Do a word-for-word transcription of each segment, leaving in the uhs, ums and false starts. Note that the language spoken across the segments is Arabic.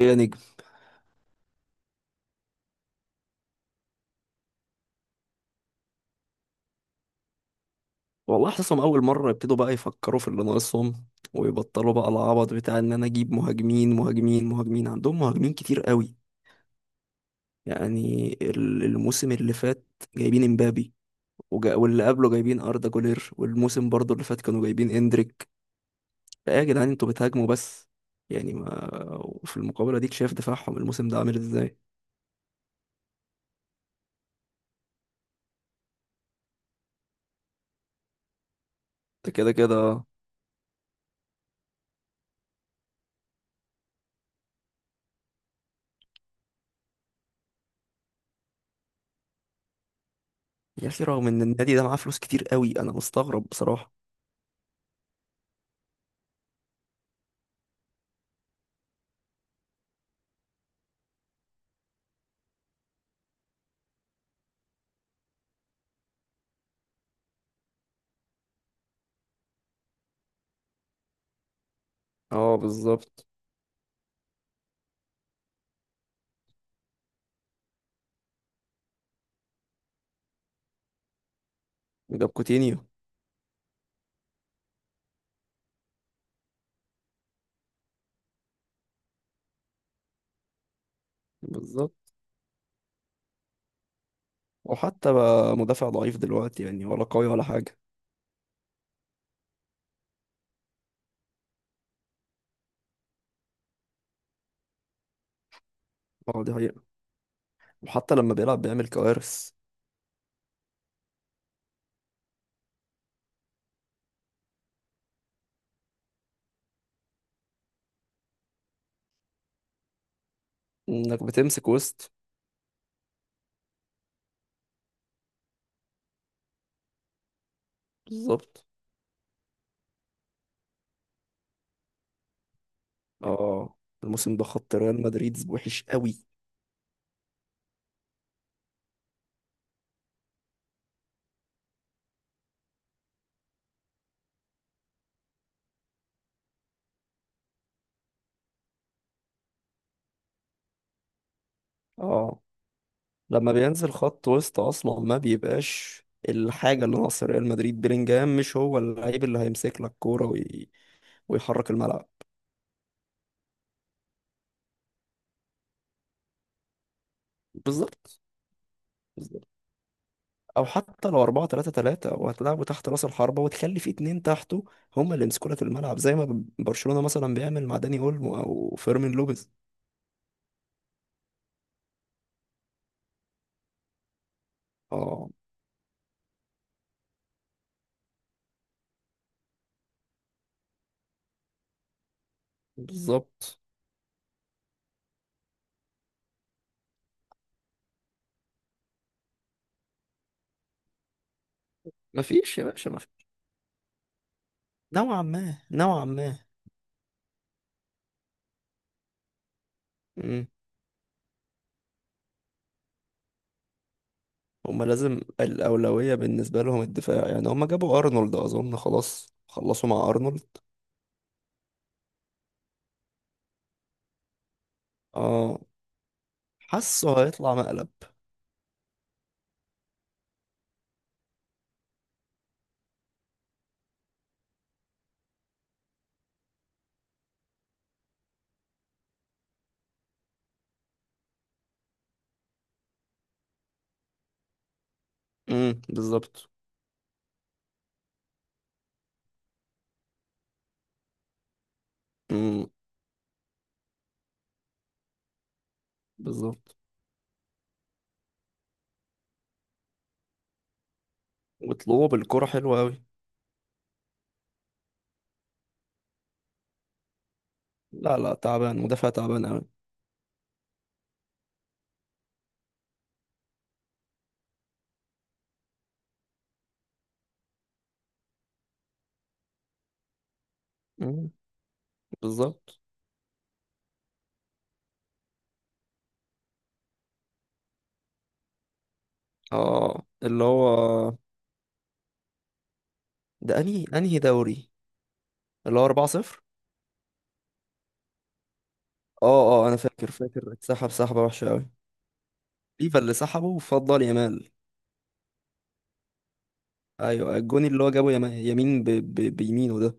يا نجم، والله حاسسهم اول مره يبتدوا بقى يفكروا في اللي ناقصهم، ويبطلوا بقى العبط بتاع ان انا اجيب مهاجمين مهاجمين مهاجمين. عندهم مهاجمين كتير قوي. يعني ال- الموسم اللي فات جايبين امبابي، وجا- واللي قبله جايبين اردا جولير، والموسم برضو اللي فات كانوا جايبين اندريك. لا يا جدعان، انتوا بتهاجموا بس. يعني ما... وفي المقابله ديك شايف دفاعهم الموسم ده عامل ازاي. ده كده كده. يا اخي رغم ان النادي ده معاه فلوس كتير قوي، انا مستغرب بصراحه. اه، بالظبط. جاب كوتينيو. بالظبط. وحتى بقى مدافع ضعيف دلوقتي يعني، ولا قوي ولا حاجة. اه، دي حقيقة. وحتى لما بيلعب بيعمل كوارث. انك بتمسك وسط. بالظبط. اه. الموسم ده خط ريال مدريد وحش قوي. اه. لما بينزل خط وسط اصلا ما بيبقاش الحاجة اللي ناقصة ريال مدريد. بيلينجهام مش هو اللعيب اللي هيمسك لك كورة وي... ويحرك الملعب. بالظبط. او حتى لو اربعه تلاته تلاته وهتلعبوا تحت راس الحربة وتخلي في اتنين تحته هم اللي يمسكوا لك الملعب، زي ما ب- برشلونة مثلا بيعمل مع داني اولمو او فيرمين لوبيز. اه، بالظبط. مفيش يا باشا، مفيش. نوعا ما، نوعا ما. مم. هم لازم الأولوية بالنسبة لهم الدفاع، يعني هم جابوا أرنولد، أظن خلاص خلصوا مع أرنولد. اه. حسوا هيطلع مقلب. امم بالظبط. امم بالظبط. وطلوع بالكرة حلوة أوي. لا لا، تعبان، مدافع تعبان أوي. بالظبط. اه، اللي هو ده انهي انهي دوري؟ اللي هو اربعه صفر. اه اه، انا فاكر فاكر اتسحب سحبه وحشه قوي. ليفا اللي سحبه وفضل يامال. ايوه، الجون اللي هو جابه يما- يمين ب... ب... بيمينه ده.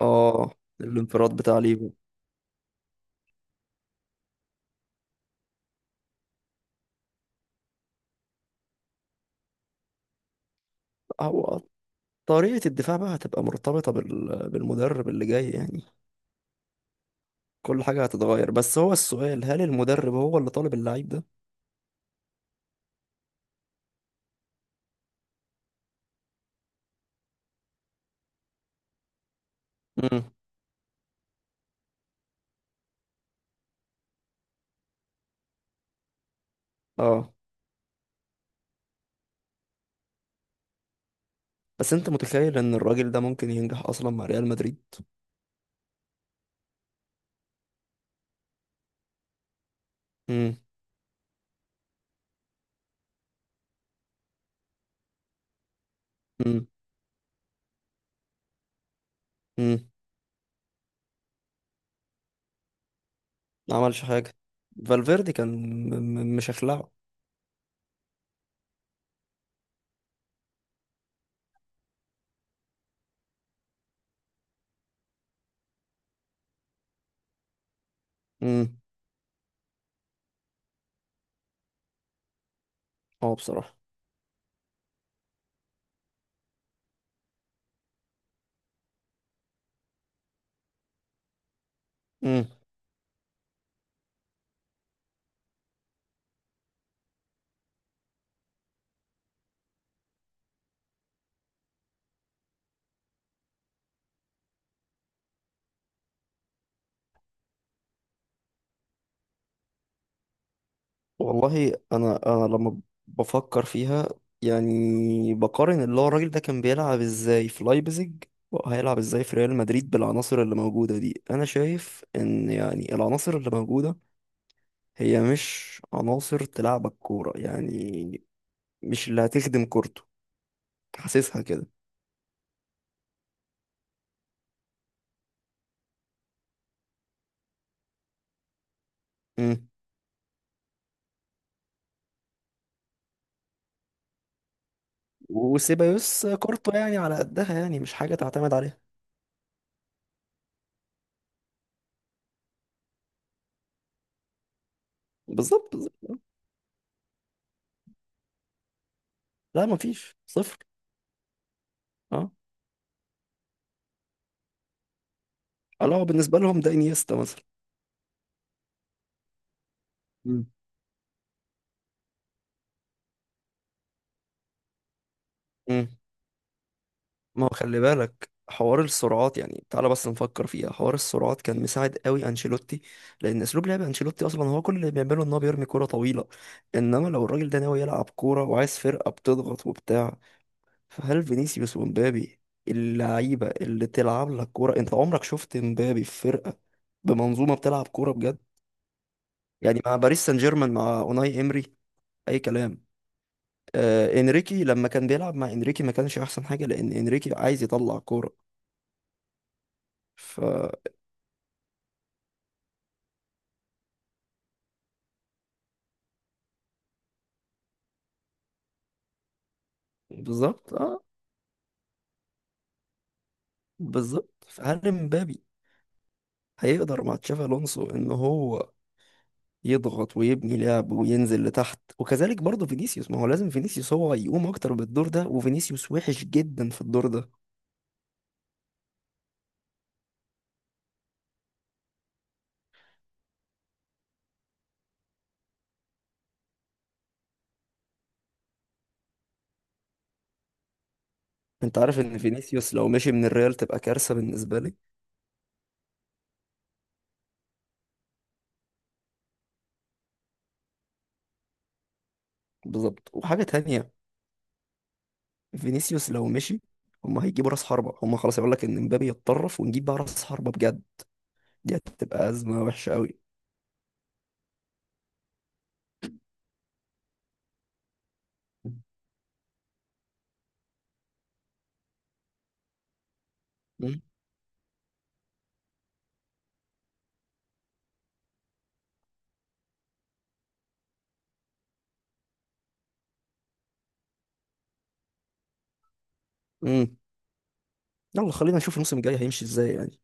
اه، الانفراد بتاع ليفا. هو طريقه الدفاع بقى هتبقى مرتبطه بال... بالمدرب اللي جاي يعني. كل حاجه هتتغير، بس هو السؤال هل المدرب هو اللي طالب اللعيب ده؟ امم. اه. بس انت متخيل ان الراجل ده ممكن ينجح اصلا مع ريال مدريد؟ امم. امم. ما عملش حاجة. فالفيردي كان م- م- مشخلعه. امم. اه، بصراحة. امم. والله انا انا لما بفكر فيها، يعني بقارن اللي هو الراجل ده كان بيلعب ازاي في لايبزيج، وهيلعب ازاي في ريال مدريد بالعناصر اللي موجودة دي. انا شايف ان يعني العناصر اللي موجودة هي مش عناصر تلعبك كورة يعني، مش اللي هتخدم كورته. حاسسها كده. امم. وسيبايوس كورته يعني على قدها، يعني مش حاجة تعتمد عليها. بالظبط. لا، مفيش صفر. اه، اللي هو بالنسبة لهم ده انيستا مثلا. مم. مم. ما هو خلي بالك حوار السرعات. يعني تعالى بس نفكر فيها، حوار السرعات كان مساعد قوي انشيلوتي، لان اسلوب لعب انشيلوتي اصلا هو كل اللي بيعمله ان هو بيرمي كوره طويله. انما لو الراجل ده ناوي يلعب كوره وعايز فرقه بتضغط وبتاع، فهل فينيسيوس ومبابي اللعيبه اللي تلعب لك كوره؟ انت عمرك شفت مبابي في فرقه بمنظومه بتلعب كوره بجد؟ يعني مع باريس سان جيرمان مع اوناي امري اي كلام. آه، انريكي، لما كان بيلعب مع انريكي ما كانش احسن حاجه، لان انريكي عايز يطلع كوره. ف... بالظبط. اه، بالظبط. فهل مبابي هيقدر مع تشافي الونسو ان هو يضغط ويبني لعب وينزل لتحت؟ وكذلك برضه فينيسيوس، ما هو لازم فينيسيوس هو يقوم اكتر بالدور ده، وفينيسيوس وحش جدا في الدور ده. انت عارف ان فينيسيوس لو مشي من الريال تبقى كارثه بالنسبه لي. بالظبط. وحاجه تانية، فينيسيوس لو مشي هما هيجيبوا راس حربة، هما خلاص يقول لك ان مبابي يتطرف ونجيب بقى راس حربة بجد. دي هتبقى أزمة وحشة أوي. مم. مم. يلا خلينا نشوف الموسم الجاي هيمشي ازاي يعني.